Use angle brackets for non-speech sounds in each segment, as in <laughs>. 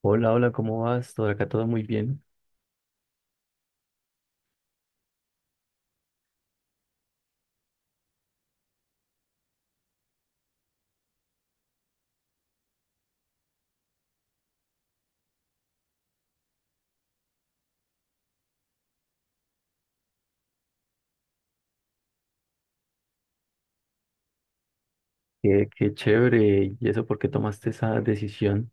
Hola, hola, ¿cómo vas? Todo acá todo muy bien. Qué chévere. ¿Y eso por qué tomaste esa decisión?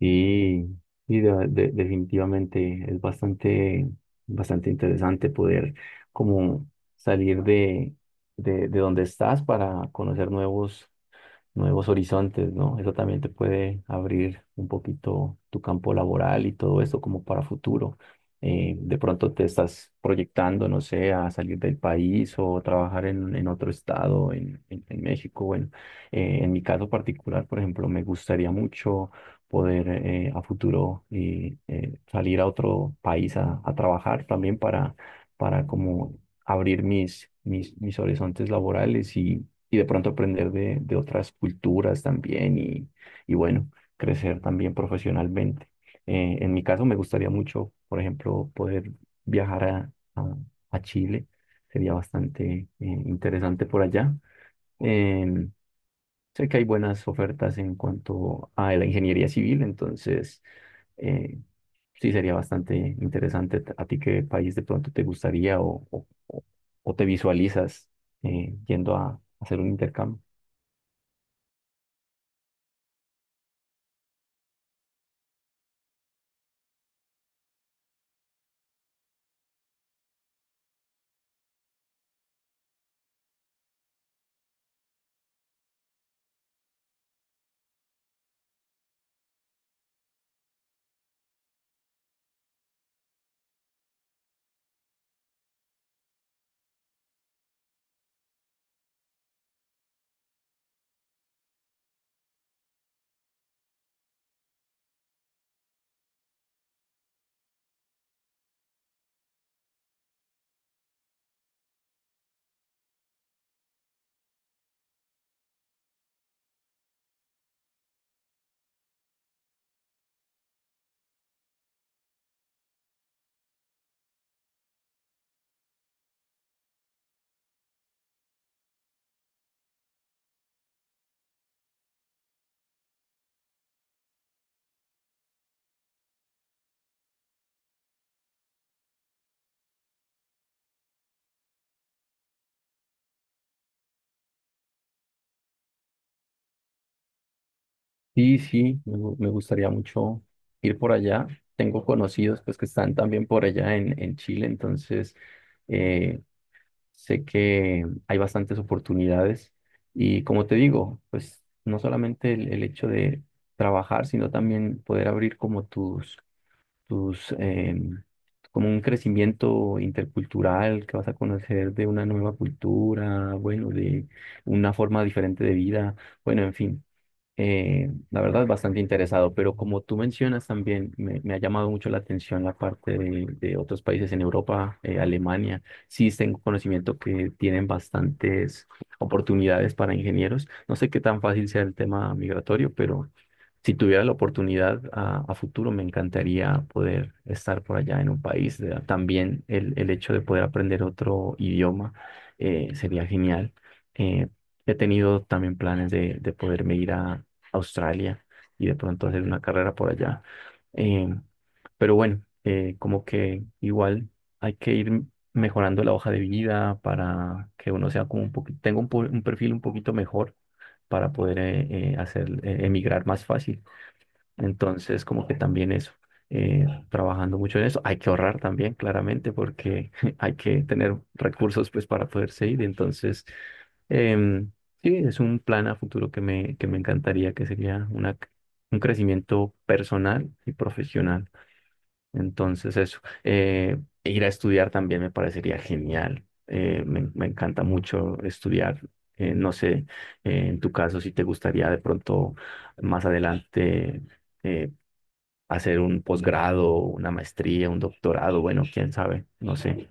Sí, sí, definitivamente es bastante, bastante interesante poder como salir de donde estás para conocer nuevos, nuevos horizontes, ¿no? Eso también te puede abrir un poquito tu campo laboral y todo eso como para futuro. De pronto te estás proyectando, no sé, a salir del país o trabajar en otro estado, en México. Bueno, en mi caso particular, por ejemplo, me gustaría mucho poder a futuro salir a otro país a trabajar también para como abrir mis horizontes laborales y de pronto aprender de otras culturas también y bueno, crecer también profesionalmente. En mi caso me gustaría mucho, por ejemplo, poder viajar a Chile. Sería bastante interesante por allá. Em, Sé que hay buenas ofertas en cuanto a la ingeniería civil, entonces eh, sí sería bastante interesante. ¿A ti qué país de pronto te gustaría o te visualizas yendo a hacer un intercambio? Sí, sí, me gustaría mucho ir por allá. Tengo conocidos pues que están también por allá en Chile, entonces eh, sé que hay bastantes oportunidades. Y como te digo, pues no solamente el hecho de trabajar, sino también poder abrir como tus como un crecimiento intercultural, que vas a conocer de una nueva cultura, bueno, de una forma diferente de vida, bueno, en fin. La verdad, bastante interesado, pero como tú mencionas también, me ha llamado mucho la atención la parte de otros países en Europa, Alemania. Sí, tengo conocimiento que tienen bastantes oportunidades para ingenieros. No sé qué tan fácil sea el tema migratorio, pero si tuviera la oportunidad a futuro, me encantaría poder estar por allá en un país. También el hecho de poder aprender otro idioma sería genial. Eh, He tenido también planes de poderme ir a Australia y de pronto hacer una carrera por allá. Eh, pero bueno, como que igual hay que ir mejorando la hoja de vida para que uno sea como un poquito, tenga un perfil un poquito mejor para poder hacer emigrar más fácil. Entonces, como que también eso, trabajando mucho en eso. Hay que ahorrar también, claramente, porque <laughs> hay que tener recursos pues para poderse ir. Entonces, em, sí, es un plan a futuro que me encantaría, que sería una, un crecimiento personal y profesional. Entonces, eso. Ir a estudiar también me parecería genial. Me, me encanta mucho estudiar. No sé, en tu caso, si te gustaría de pronto más adelante eh, hacer un posgrado, una maestría, un doctorado, bueno, quién sabe, no sé.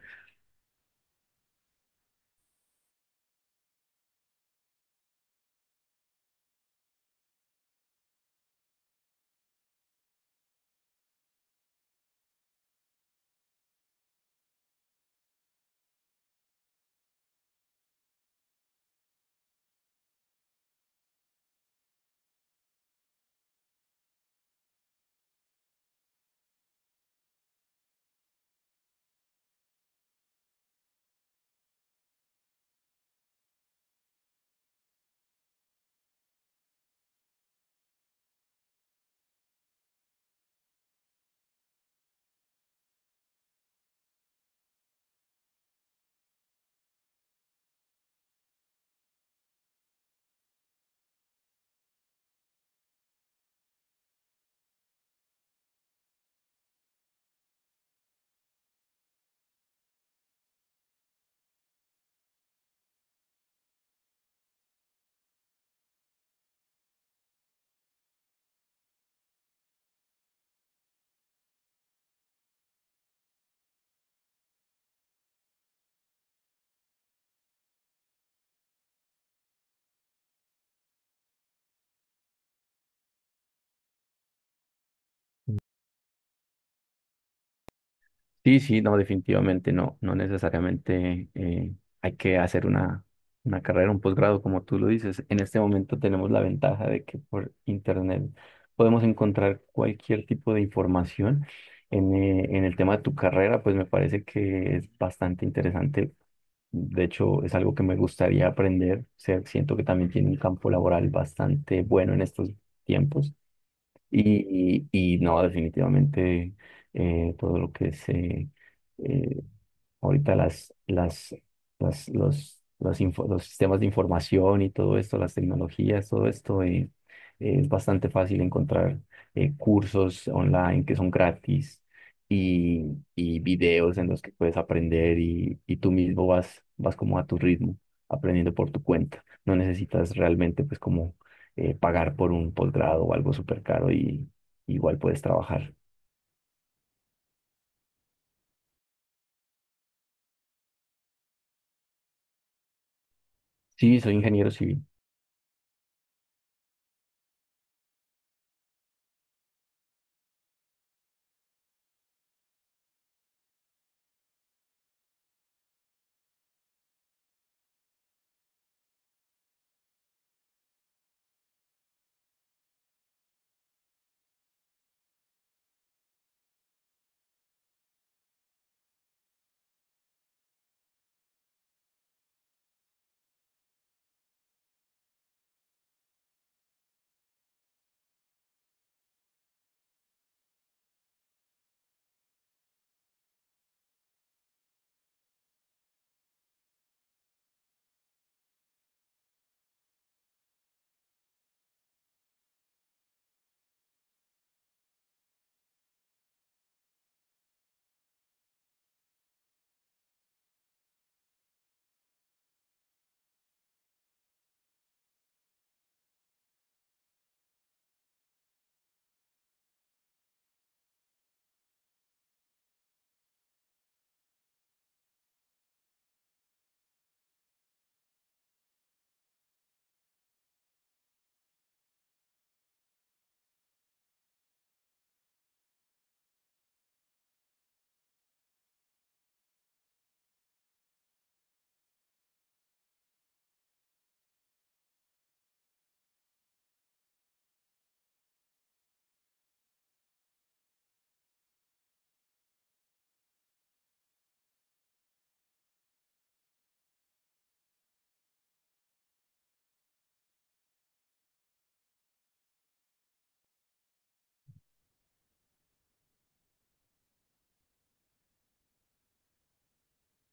Sí, sí, no, definitivamente no, no necesariamente hay que hacer una carrera, un posgrado, como tú lo dices. En este momento tenemos la ventaja de que por internet podemos encontrar cualquier tipo de información. En el tema de tu carrera, pues me parece que es bastante interesante. De hecho, es algo que me gustaría aprender. O sea, siento que también tiene un campo laboral bastante bueno en estos tiempos. Y no, definitivamente todo lo que es eh, ahorita las, los, info- los sistemas de información y todo esto, las tecnologías, todo esto, es bastante fácil encontrar cursos online que son gratis y, y videos en los que puedes aprender y tú mismo vas, vas como a tu ritmo, aprendiendo por tu cuenta. No necesitas realmente pues como pagar por un posgrado o algo súper caro y igual puedes trabajar. Sí, soy ingeniero civil.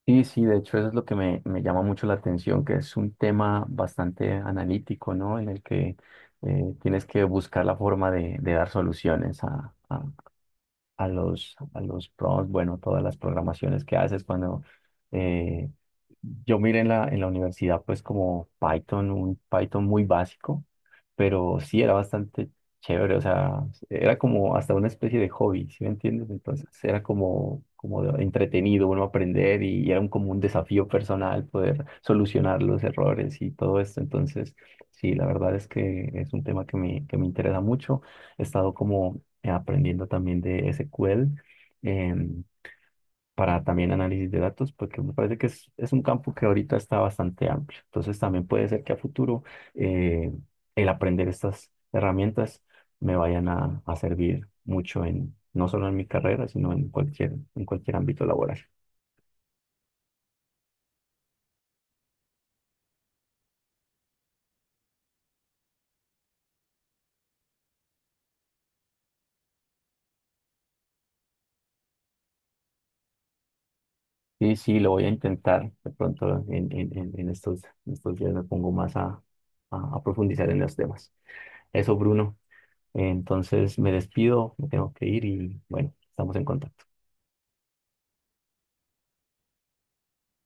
Sí, sí, de hecho eso es lo que me llama mucho la atención, que es un tema bastante analítico, ¿no? En el que tienes que buscar la forma de dar soluciones a los prompts, bueno, todas las programaciones que haces cuando eh, yo miré en la universidad pues como Python, un Python muy básico, pero sí era bastante chévere, o sea, era como hasta una especie de hobby, ¿sí me entiendes? Entonces era como, entretenido uno aprender y era un, como un desafío personal poder solucionar los errores y todo esto, entonces sí, la verdad es que es un tema que me interesa mucho, he estado como aprendiendo también de SQL em, para también análisis de datos, porque me parece que es un campo que ahorita está bastante amplio. Entonces también puede ser que a futuro eh, el aprender estas herramientas me vayan a servir mucho en, no solo en mi carrera, sino en cualquier ámbito laboral. Sí, sí, lo voy a intentar. De pronto en estos, en estos días me pongo más a profundizar en los temas. Eso, Bruno, entonces me despido, me tengo que ir y bueno, estamos en contacto.